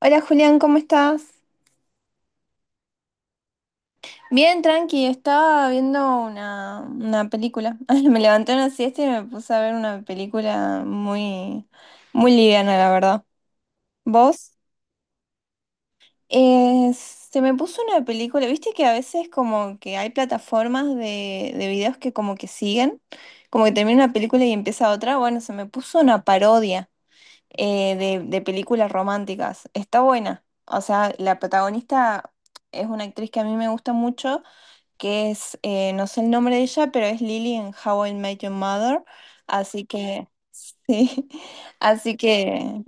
Hola Julián, ¿cómo estás? Bien, tranqui, estaba viendo una película. Ay, me levanté una siesta y me puse a ver una película muy liviana, la verdad. ¿Vos? Se me puso una película, viste que a veces como que hay plataformas de videos que como que siguen, como que termina una película y empieza otra. Bueno, se me puso una parodia de películas románticas. Está buena. O sea, la protagonista es una actriz que a mí me gusta mucho, que es, no sé el nombre de ella, pero es Lily en How I Met Your Mother. Así que, sí, así que,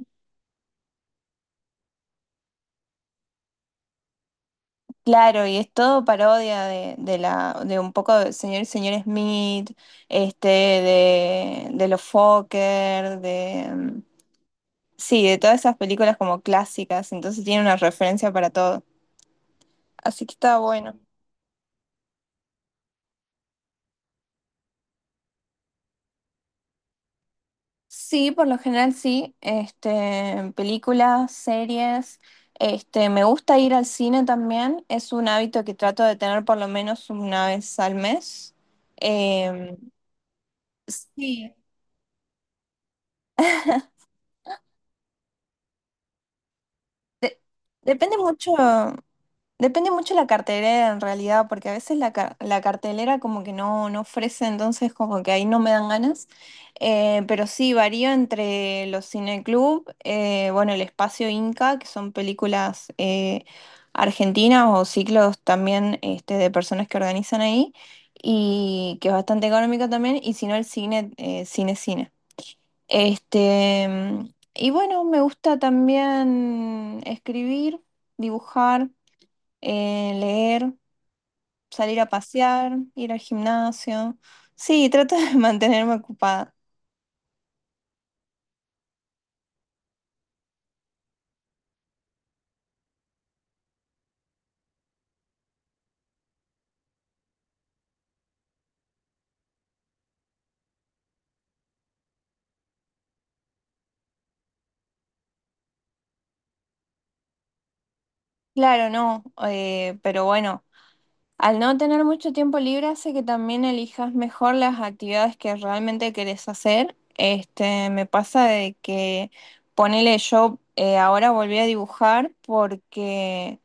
claro, y es todo parodia de un poco de señor y señor Smith, este, de los Fokker, de, sí, de todas esas películas como clásicas, entonces tiene una referencia para todo. Así que está bueno. Sí, por lo general sí, este, películas, series, este, me gusta ir al cine también, es un hábito que trato de tener por lo menos una vez al mes. Em, sí, depende mucho, depende mucho la cartelera en realidad, porque a veces la cartelera como que no, no ofrece, entonces como que ahí no me dan ganas. Pero sí, varía entre los cineclub, bueno, el Espacio Inca, que son películas argentinas o ciclos también este, de personas que organizan ahí, y que es bastante económico también, y si no el cine, cine. Este, y bueno, me gusta también escribir, dibujar, leer, salir a pasear, ir al gimnasio. Sí, trato de mantenerme ocupada. Claro, no, pero bueno. Al no tener mucho tiempo libre hace que también elijas mejor las actividades que realmente querés hacer. Este, me pasa de que ponele yo, ahora volví a dibujar porque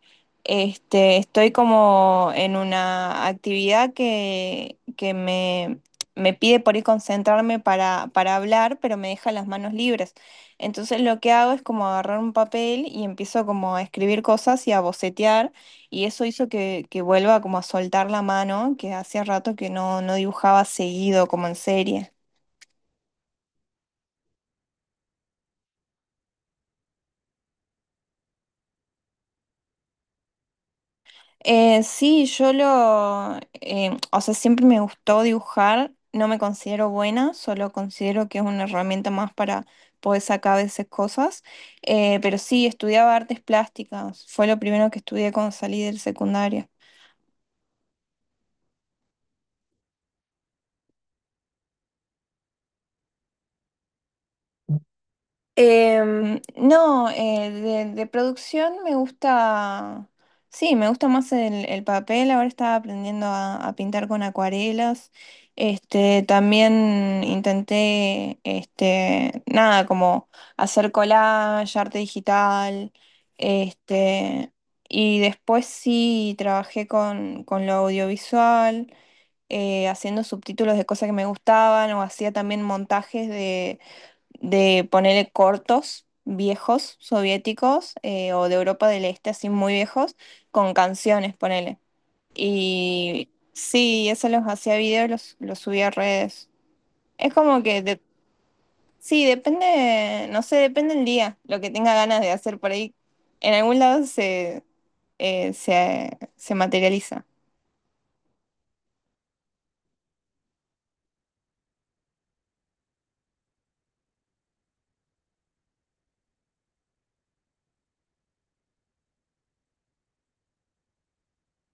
este, estoy como en una actividad que me pide por ahí concentrarme para hablar, pero me deja las manos libres. Entonces lo que hago es como agarrar un papel y empiezo como a escribir cosas y a bocetear. Y eso hizo que vuelva como a soltar la mano, que hacía rato que no, no dibujaba seguido, como en serie. O sea, siempre me gustó dibujar, no me considero buena, solo considero que es una herramienta más para poder sacar a veces cosas. Pero sí, estudiaba artes plásticas, fue lo primero que estudié cuando salí del secundario. No, de producción me gusta, sí, me gusta más el papel, ahora estaba aprendiendo a pintar con acuarelas, este, también intenté, este, nada, como hacer collage, arte digital, este, y después sí trabajé con lo audiovisual, haciendo subtítulos de cosas que me gustaban o hacía también montajes de ponerle cortos viejos soviéticos, o de Europa del Este, así muy viejos, con canciones, ponele. Y sí, eso los hacía videos, los subía a redes. Es como que, sí, depende, no sé, depende el día, lo que tenga ganas de hacer por ahí. En algún lado se materializa.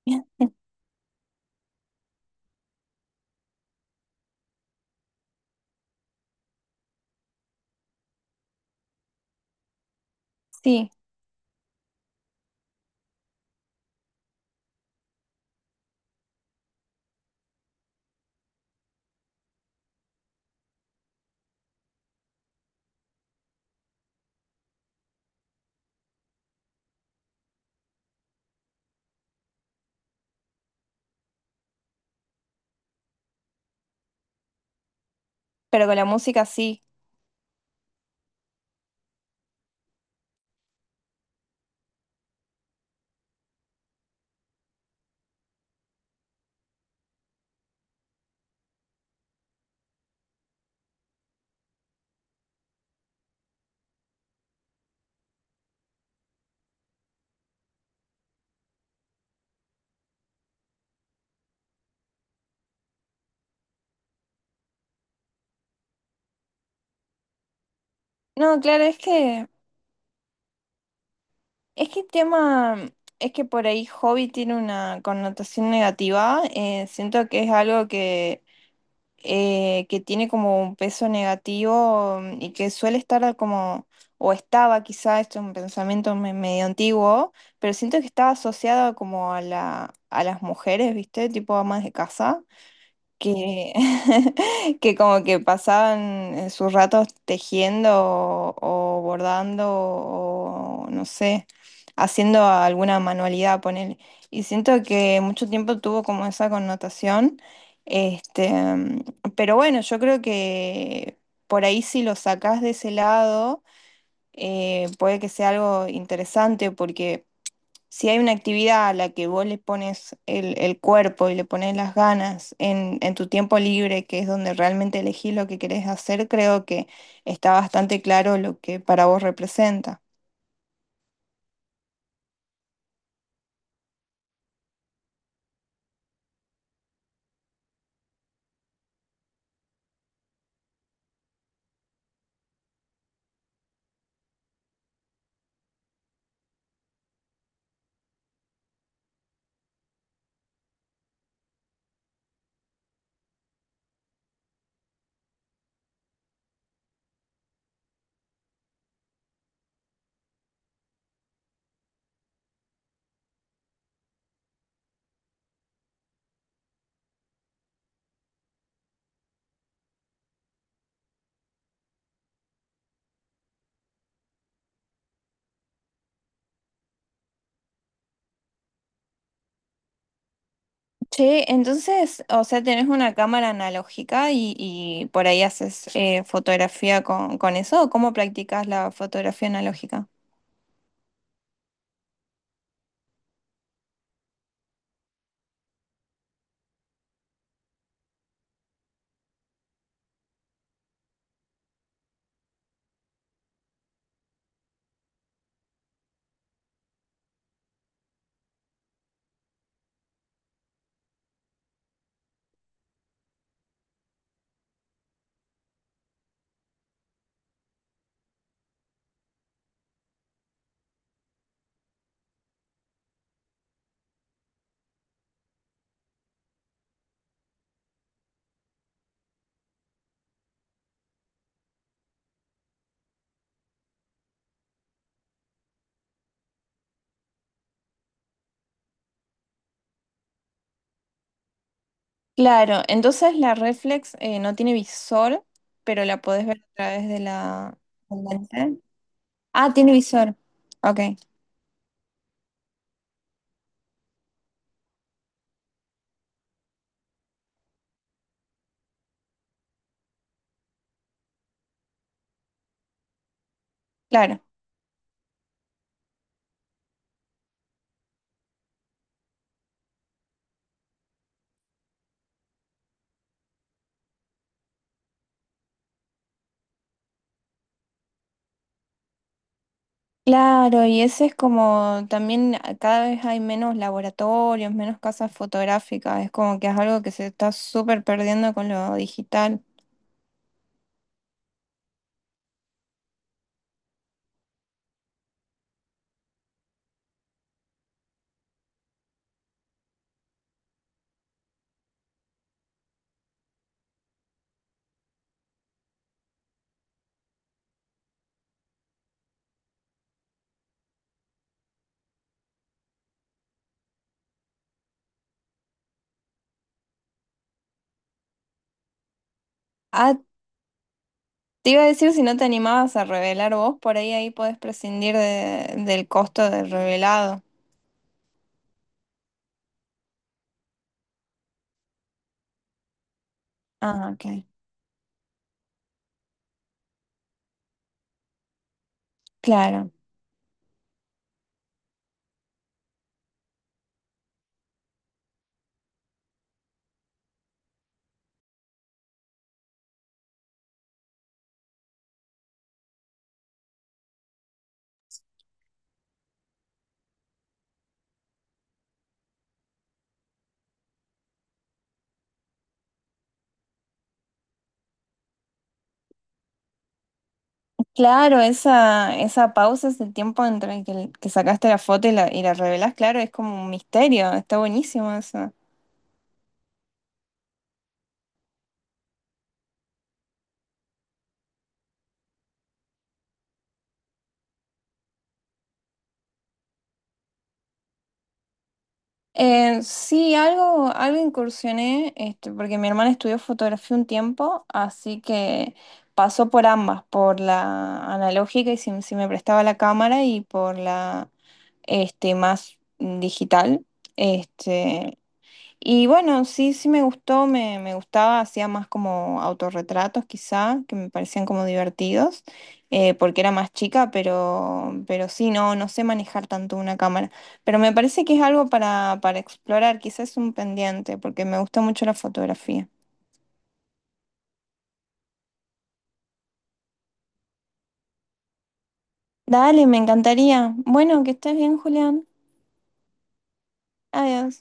Sí, pero con la música sí. No, claro, es que... Es que el tema, es que por ahí hobby tiene una connotación negativa. Siento que es algo que tiene como un peso negativo, y que suele estar como, o estaba quizá, esto es un pensamiento medio antiguo, pero siento que estaba asociado como a a las mujeres, ¿viste? Tipo amas de casa que, que como que pasaban, sus ratos tejiendo, o bordando, o no sé, haciendo alguna manualidad, ponele. Y siento que mucho tiempo tuvo como esa connotación. Este, mm, pero bueno, yo creo que por ahí si lo sacás de ese lado, puede que sea algo interesante, porque si hay una actividad a la que vos le pones el cuerpo y le pones las ganas en tu tiempo libre, que es donde realmente elegís lo que querés hacer, creo que está bastante claro lo que para vos representa. Che, entonces, o sea, tenés una cámara analógica y por ahí haces, fotografía con eso, ¿o cómo practicas la fotografía analógica? Claro, entonces la reflex, no tiene visor, pero la podés ver a través de la... del lente. Ah, tiene visor. Ok. Claro, claro, y ese es como también cada vez hay menos laboratorios, menos casas fotográficas, es como que es algo que se está súper perdiendo con lo digital. Ah, te iba a decir si no te animabas a revelar vos, por ahí ahí podés prescindir del costo del revelado. Ah, ok, claro. Claro, esa pausa, ese tiempo entre el que sacaste la foto y y la revelás, claro, es como un misterio, está buenísimo eso. Algo incursioné, este, porque mi hermana estudió fotografía un tiempo, así que pasó por ambas, por la analógica, y si, si me prestaba la cámara, y por la este, más digital. Este, y bueno, sí, sí me gustó, me gustaba, hacía más como autorretratos quizá, que me parecían como divertidos, porque era más chica, pero sí, no, no sé manejar tanto una cámara. Pero me parece que es algo para explorar, quizás un pendiente, porque me gusta mucho la fotografía. Dale, me encantaría. Bueno, que estés bien, Julián. Adiós.